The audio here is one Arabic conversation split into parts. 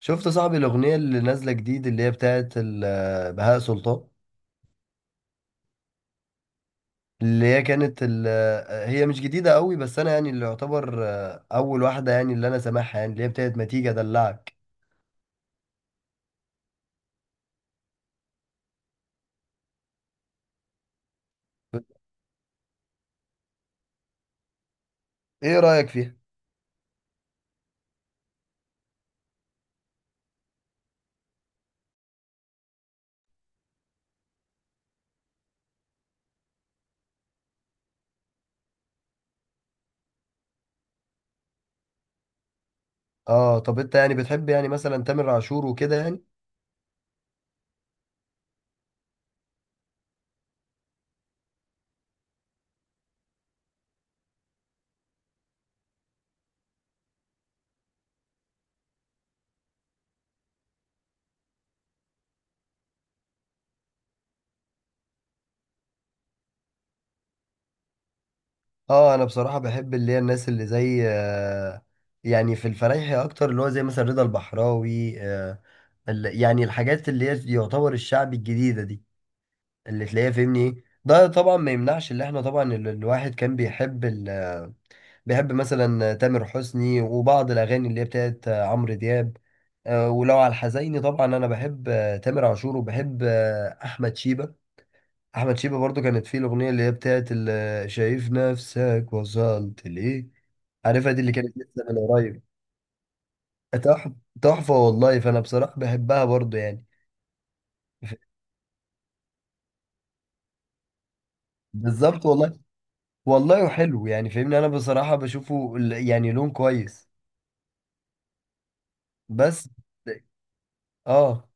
شفت يا صاحبي الأغنية اللي نازلة جديد اللي هي بتاعت بهاء سلطان. اللي هي كانت ال- هي مش جديدة قوي، بس أنا يعني اللي يعتبر أول واحدة يعني اللي أنا سامعها يعني اللي هي بتاعت ما تيجي أدلعك. إيه رأيك فيها؟ آه طب أنت يعني بتحب يعني مثلا تامر عاشور وكده يعني؟ آه أنا بصراحة بحب اللي هي الناس اللي زي يعني في الفرايحي أكتر اللي هو زي مثلا رضا البحراوي. يعني الحاجات اللي هي يعتبر الشعب الجديدة دي اللي تلاقيها، فهمني ايه. ده طبعا ما يمنعش اللي احنا طبعا الواحد كان بيحب بيحب مثلا تامر حسني وبعض الاغاني اللي هي بتاعت عمرو دياب. ولو على الحزيني طبعا انا بحب تامر عاشور وبحب احمد شيبة. احمد شيبة برضو كانت فيه الاغنيه اللي هي بتاعت شايف نفسك وصلت ليه. عارفها دي، اللي كانت لسه من قريب. تحفه. تحفه والله، فانا بصراحه بحبها برضو يعني. بالظبط والله. والله حلو يعني، فاهمني، انا بصراحة بشوفه يعني لون كويس. بس. اه.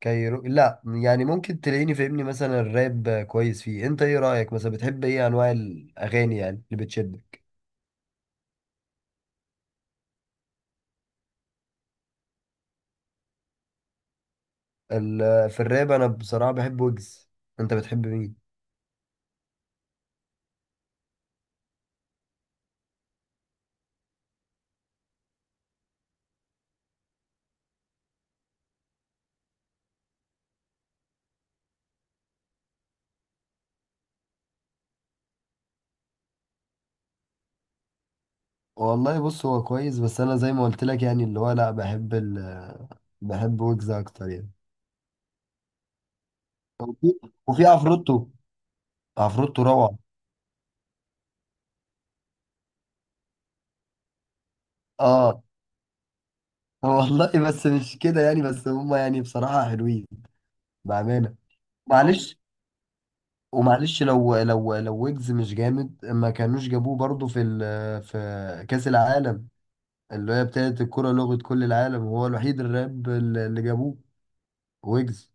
كايرو لا، يعني ممكن تلاقيني فاهمني مثلا الراب كويس فيه. انت ايه رأيك، مثلا بتحب ايه انواع الاغاني يعني اللي بتشدك؟ في الراب انا بصراحة بحب ويجز. انت بتحب مين؟ والله بص، هو كويس بس انا زي ما قلت لك يعني اللي هو لا، بحب بحب ويجز اكتر يعني. وفي وفي عفروتو. عفروتو روعة. اه والله، بس مش كده يعني، بس هما يعني بصراحة حلوين، بأمانة. معلش. ومعلش، لو ويجز مش جامد ما كانوش جابوه برضه في في كأس العالم، اللي هي بتاعت الكرة لغة كل العالم. هو الوحيد الراب اللي جابوه، ويجز.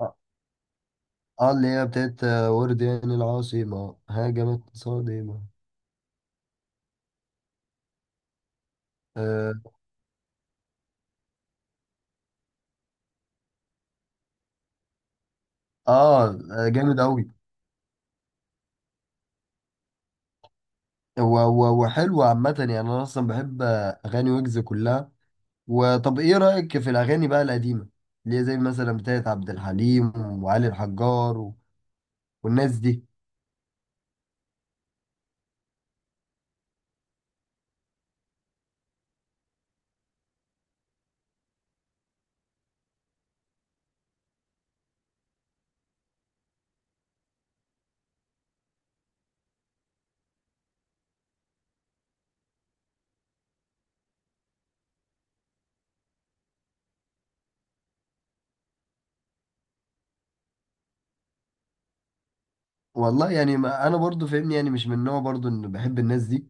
اه. اللي هي بتاعت ورديان، العاصمة هاجمت صادمة. اه. جامد أوي. و- و- وحلو عامة يعني. أنا أصلا بحب أغاني ويجز كلها. وطب إيه رأيك في الأغاني بقى القديمة؟ اللي هي زي مثلا بتاعت عبد الحليم وعلي الحجار والناس دي. والله يعني، ما انا برضو فاهمني، يعني مش من نوع برضو ان بحب الناس دي.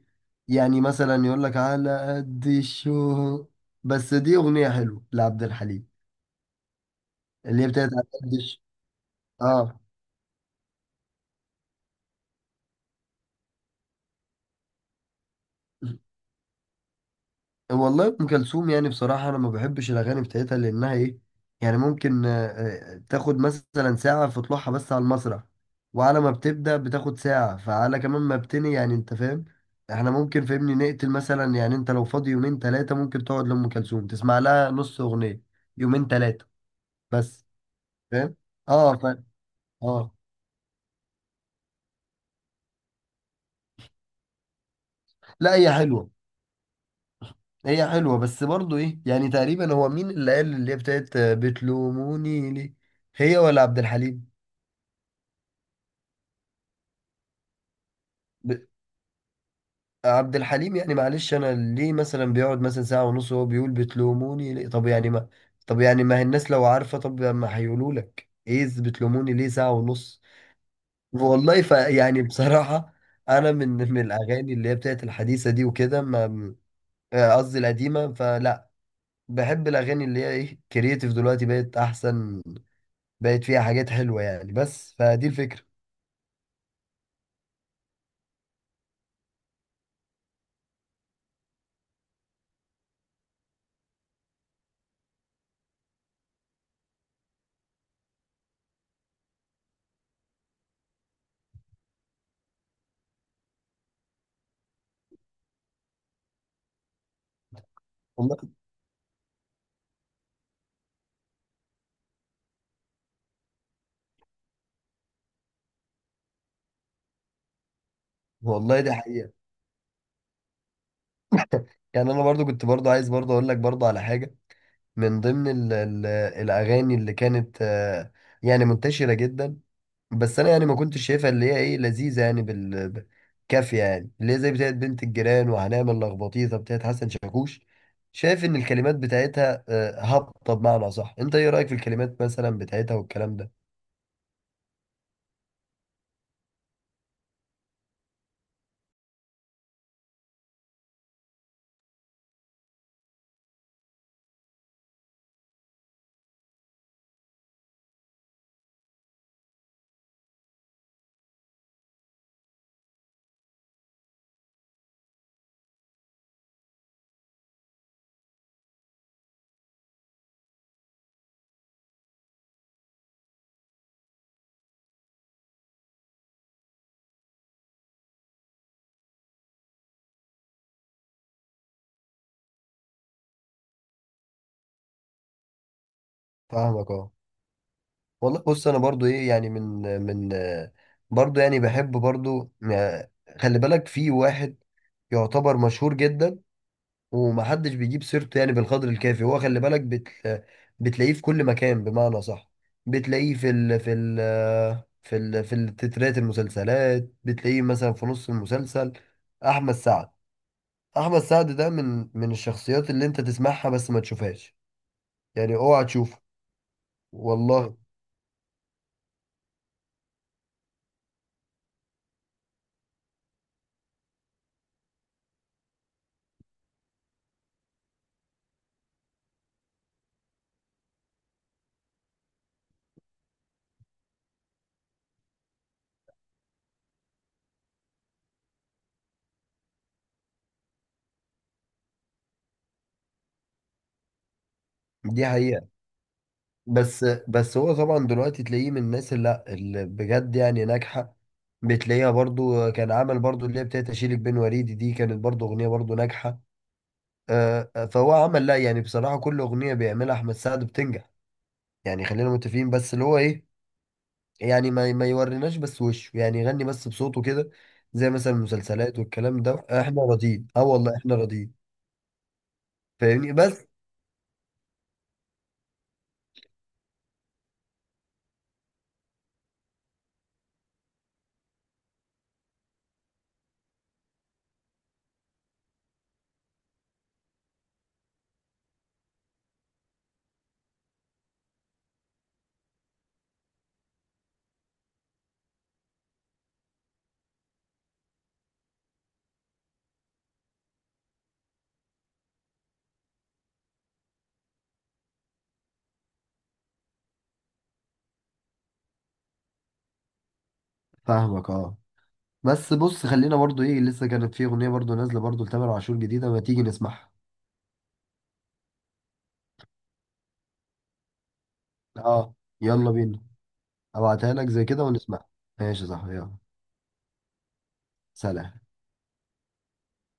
يعني مثلا يقول لك على قد الشو. بس دي اغنيه حلوه لعبد الحليم، اللي هي بتاعت على قد الشو. اه. والله ام كلثوم يعني، بصراحه انا ما بحبش الاغاني بتاعتها لانها ايه يعني، ممكن تاخد مثلا ساعه في طلوعها بس على المسرح. وعلى ما بتبدا بتاخد ساعه فعلى كمان ما بتني، يعني انت فاهم. احنا ممكن فهمني نقتل، مثلا يعني انت لو فاضي يومين ثلاثه ممكن تقعد لام كلثوم تسمع لها نص اغنيه. يومين ثلاثه بس. فاهم. اه. اه. لا هي حلوه. هي حلوه، بس برضو ايه يعني، تقريبا هو مين اللي قال اللي هي بتاعت بتلوموني ليه، هي ولا عبد الحليم؟ عبد الحليم. يعني معلش، انا ليه مثلا بيقعد مثلا ساعة ونص وهو بيقول بتلوموني ليه؟ طب يعني ما هي الناس لو عارفة، طب ما هيقولوا لك ايه، إز بتلوموني ليه ساعة ونص؟ والله ف يعني بصراحة، انا من الاغاني اللي هي بتاعت الحديثة دي وكده ما قصدي القديمة، فلا. بحب الاغاني اللي هي ايه، كرييتيف دلوقتي بقت احسن، بقت فيها حاجات حلوة يعني. بس فدي الفكرة. والله. والله دي حقيقة. يعني انا برضو كنت برضو عايز برضو اقول لك برضو على حاجة. من ضمن ال الأغاني اللي كانت يعني منتشرة جدا، بس أنا يعني ما كنتش شايفها اللي هي إيه، لذيذة يعني كافية، يعني اللي هي زي بتاعت بنت الجيران وهنعمل لخبطيطة بتاعت حسن شاكوش. شايف إن الكلمات بتاعتها هابطة بمعنى صح؟ أنت إيه رأيك في الكلمات مثلا بتاعتها والكلام ده؟ فاهمك أه. والله بص، أنا برضو إيه يعني، من من آه، برضو يعني بحب برضو خلي بالك في واحد يعتبر مشهور جدا ومحدش بيجيب سيرته يعني بالقدر الكافي. هو خلي بالك بتلاقيه في كل مكان بمعنى صح. بتلاقيه في في التترات المسلسلات، بتلاقيه مثلا في نص المسلسل. احمد سعد. احمد سعد ده من الشخصيات اللي انت تسمعها بس ما تشوفهاش، يعني اوعى تشوفه. والله دي حقيقة. بس هو طبعا دلوقتي تلاقيه من الناس اللي لا، اللي بجد يعني ناجحة. بتلاقيها برضو، كان عمل برضو اللي هي بتاعت اشيلك بين وريدي، دي كانت برضو اغنية برضو ناجحة. فهو عمل لا، يعني بصراحة كل أغنية بيعملها أحمد سعد بتنجح يعني. خلينا متفقين، بس اللي هو إيه يعني، ما يوريناش بس وشه يعني، يغني بس بصوته كده، زي مثلا المسلسلات والكلام ده. إحنا راضيين أه، والله إحنا راضيين. فاهمني بس. فاهمك أه. بس بص خلينا برضو إيه، لسه كانت في أغنية برضو نازلة برضو لتامر عاشور جديدة، ما تيجي نسمعها؟ أه. يلا بينا. أبعتها لك زي كده ونسمعها. ماشي يا صاحبي، يلا. سلام.